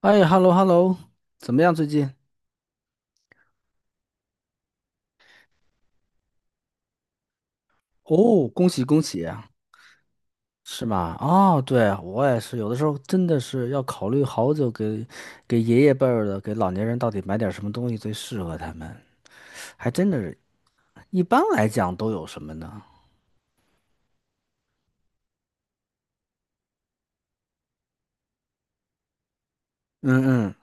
哎，hello hello，怎么样最近？哦，恭喜恭喜啊。是吗？哦，对，我也是，有的时候真的是要考虑好久给爷爷辈儿的，给老年人到底买点什么东西最适合他们，还真的是，一般来讲都有什么呢？嗯嗯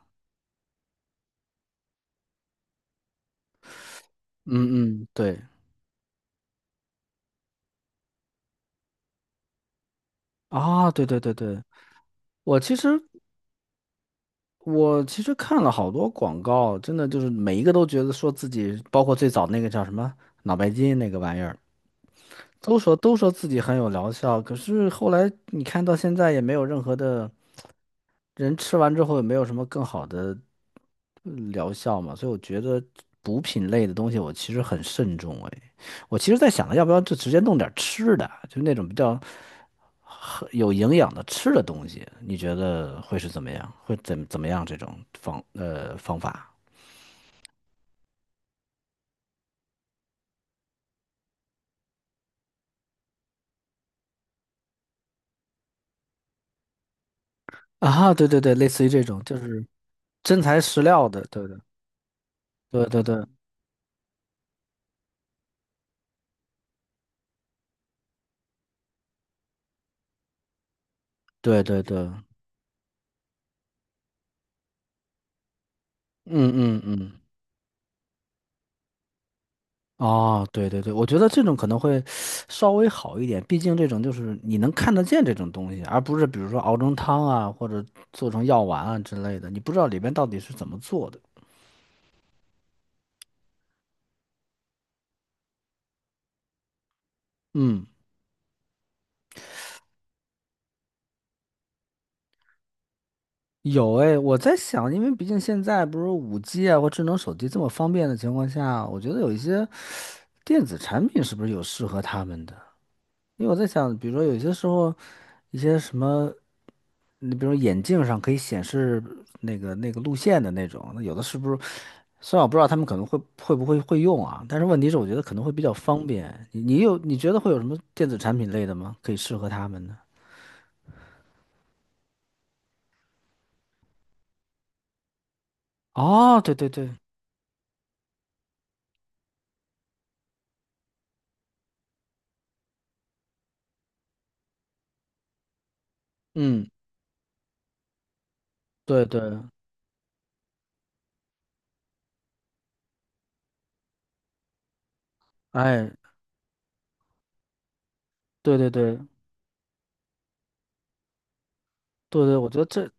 嗯嗯，对啊，对对对对。我其实我其实看了好多广告，真的就是每一个都觉得说自己，包括最早那个叫什么脑白金那个玩意儿。都说自己很有疗效，可是后来你看到现在也没有任何的人吃完之后也没有什么更好的疗效嘛，所以我觉得补品类的东西我其实很慎重哎，我其实在想着要不要就直接弄点吃的，就那种比较很有营养的吃的东西，你觉得会是怎么样？会怎么样这种方法？啊，对对对，类似于这种就是真材实料的，对的，对对对对对对。嗯嗯嗯，哦，对对对，我觉得这种可能会稍微好一点，毕竟这种就是你能看得见这种东西，而不是比如说熬成汤啊，或者做成药丸啊之类的，你不知道里边到底是怎么做的。嗯，有哎，我在想，因为毕竟现在不是 5G 啊或智能手机这么方便的情况下，我觉得有一些电子产品是不是有适合他们的？因为我在想，比如说有些时候，一些什么，你比如说眼镜上可以显示那个路线的那种，那有的是不是？虽然我不知道他们可能会不会用啊，但是问题是我觉得可能会比较方便。你觉得会有什么电子产品类的吗？可以适合他们的？哦，对对对，嗯，对对，哎，对对对对对，我觉得这，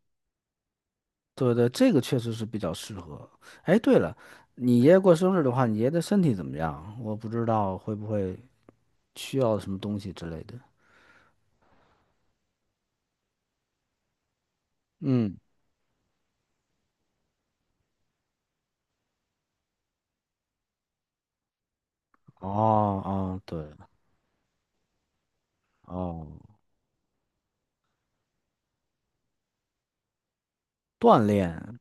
对对，这个确实是比较适合。哎，对了，你爷爷过生日的话，你爷爷的身体怎么样？我不知道会不会需要什么东西之类的。嗯，哦哦，对，哦，锻炼。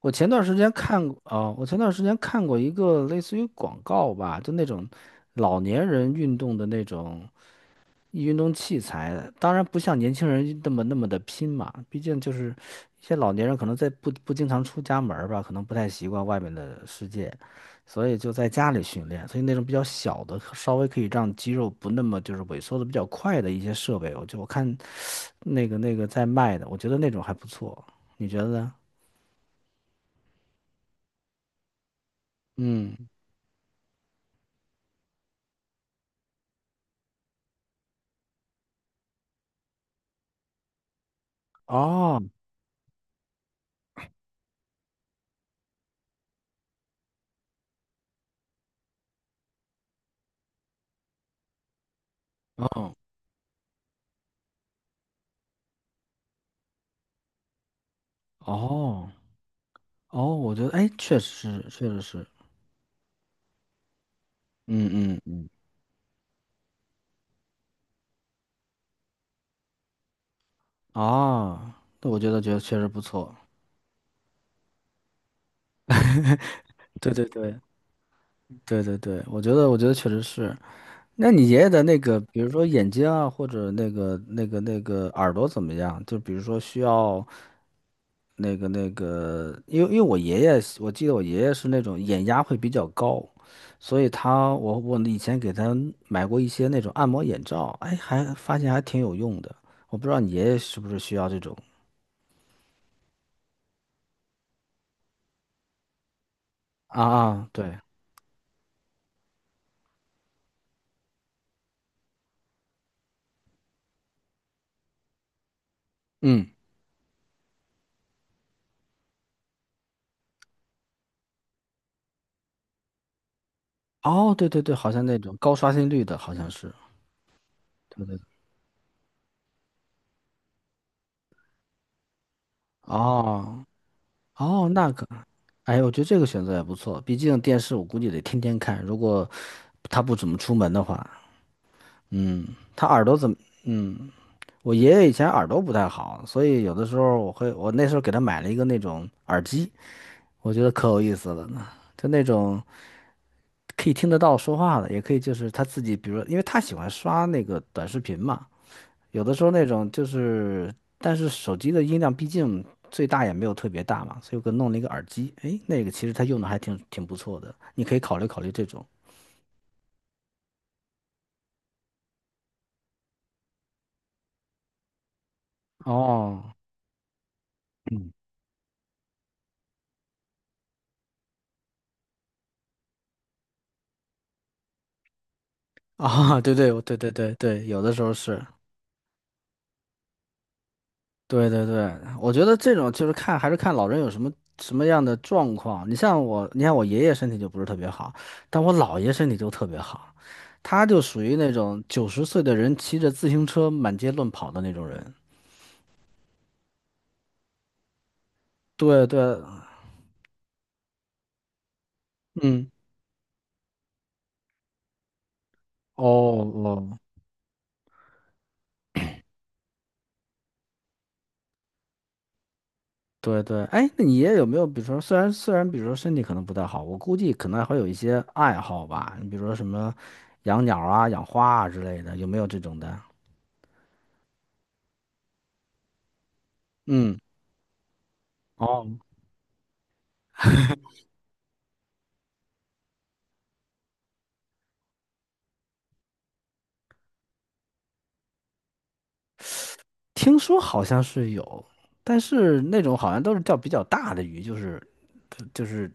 我前段时间看过一个类似于广告吧，就那种老年人运动的那种，运动器材，当然不像年轻人那么那么的拼嘛，毕竟就是一些老年人可能在不经常出家门儿吧，可能不太习惯外面的世界，所以就在家里训练，所以那种比较小的，稍微可以让肌肉不那么就是萎缩的比较快的一些设备，我看那个在卖的，我觉得那种还不错，你觉得呢？嗯，哦，哦，哦，哦，我觉得，哎，确实是，确实是，嗯嗯嗯，哦，那我觉得确实不错。对对对对对对，我觉得确实是。那你爷爷的那个，比如说眼睛啊，或者那个耳朵怎么样？就比如说需要那个，因为我爷爷，我记得我爷爷是那种眼压会比较高，所以我以前给他买过一些那种按摩眼罩，哎，还发现还挺有用的。我不知道你爷爷是不是需要这种啊啊，对，嗯，哦，对对对，好像那种高刷新率的，好像是，对对。哦，哦，那个，哎，我觉得这个选择也不错，毕竟电视我估计得天天看，如果他不怎么出门的话。嗯，他耳朵怎么？嗯，我爷爷以前耳朵不太好，所以有的时候我会，我那时候给他买了一个那种耳机，我觉得可有意思了呢，就那种可以听得到说话的，也可以就是他自己，比如因为他喜欢刷那个短视频嘛，有的时候那种就是，但是手机的音量毕竟最大也没有特别大嘛，所以我给弄了一个耳机，诶，那个其实它用的还挺不错的，你可以考虑考虑这种。哦，嗯，啊，对对，对对对对，有的时候是，对对对，我觉得这种就是看还是看老人有什么样的状况。你像我，你看我爷爷身体就不是特别好，但我姥爷身体就特别好，他就属于那种90岁的人骑着自行车满街乱跑的那种人。对对，嗯。哦哦，对对，哎，那你也有没有，比如说，虽然，比如说身体可能不太好，我估计可能还有一些爱好吧，你比如说什么养鸟啊、养花啊之类的，有没有这种的？嗯，哦，听说好像是有，但是那种好像都是钓比较大的鱼，就是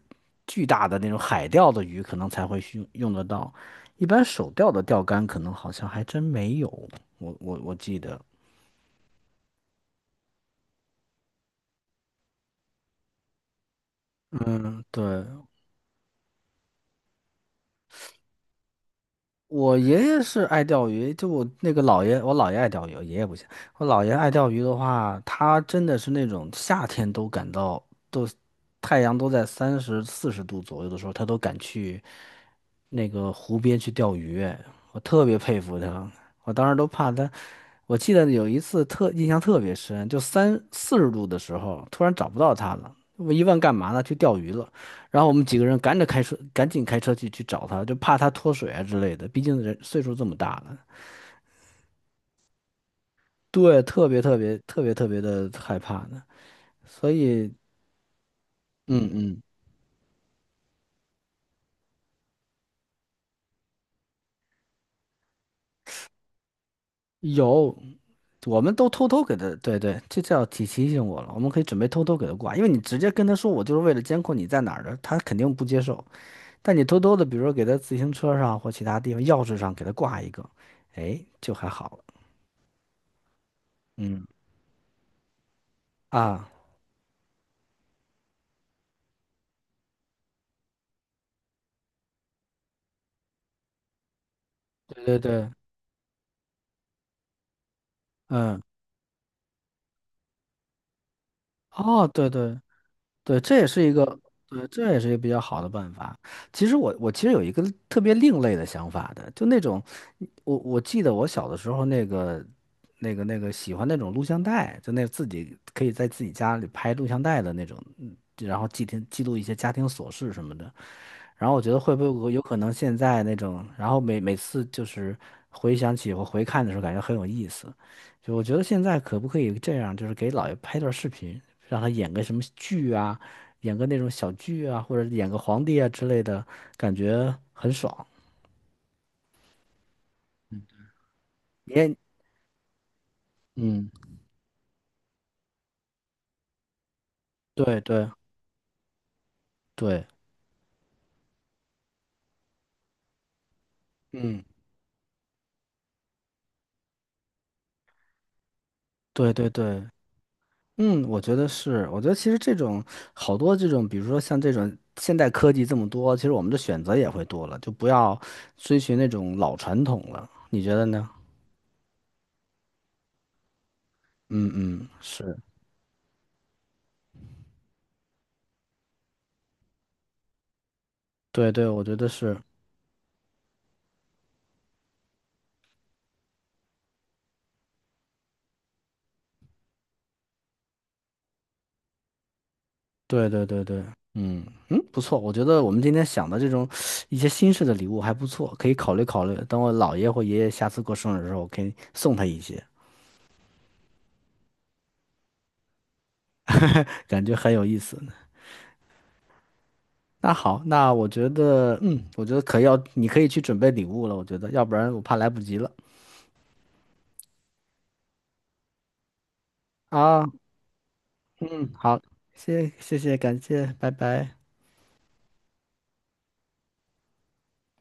巨大的那种海钓的鱼，可能才会用得到，一般手钓的钓竿可能好像还真没有，我记得，嗯，对。我爷爷是爱钓鱼，就我那个姥爷，我姥爷爱钓鱼，我爷爷不行。我姥爷爱钓鱼的话，他真的是那种夏天都感到都太阳都在30-40度左右的时候，他都敢去那个湖边去钓鱼，我特别佩服他。我当时都怕他，我记得有一次特印象特别深，就三四十度的时候，突然找不到他了，我一问干嘛呢？去钓鱼了。然后我们几个人赶着开车，赶紧开车去找他，就怕他脱水啊之类的。毕竟人岁数这么大了，对，特别特别特别特别的害怕呢。所以，嗯嗯，有，我们都偷偷给他，对对，这叫提醒我了。我们可以准备偷偷给他挂，因为你直接跟他说我就是为了监控你在哪儿的，他肯定不接受。但你偷偷的，比如说给他自行车上或其他地方钥匙上给他挂一个，哎，就还好了。嗯啊，对对对，嗯，哦，对对。对，这也是一个，对，这也是一个比较好的办法。其实有一个特别另类的想法的，就那种，我记得我小的时候那个喜欢那种录像带，就那自己可以在自己家里拍录像带的那种，然后记录一些家庭琐事什么的。然后我觉得会不会有可能现在那种，然后每次就是回想起我回看的时候，感觉很有意思。就我觉得现在可不可以这样，就是给姥爷拍段视频，让他演个什么剧啊，演个那种小剧啊，或者演个皇帝啊之类的，感觉很爽。也，嗯，对对对，嗯，对对对。嗯，我觉得是，我觉得其实这种好多这种，比如说像这种现代科技这么多，其实我们的选择也会多了，就不要追寻那种老传统了，你觉得呢？嗯嗯，是，对对，我觉得是，对对对对，嗯嗯，不错，我觉得我们今天想的这种一些新式的礼物还不错，可以考虑考虑，等我姥爷或爷爷下次过生日的时候，我可以送他一些，感觉很有意思。那好，那我觉得可要，你可以去准备礼物了。我觉得，要不然我怕来不及了。啊，嗯，好，谢谢，感谢，拜拜。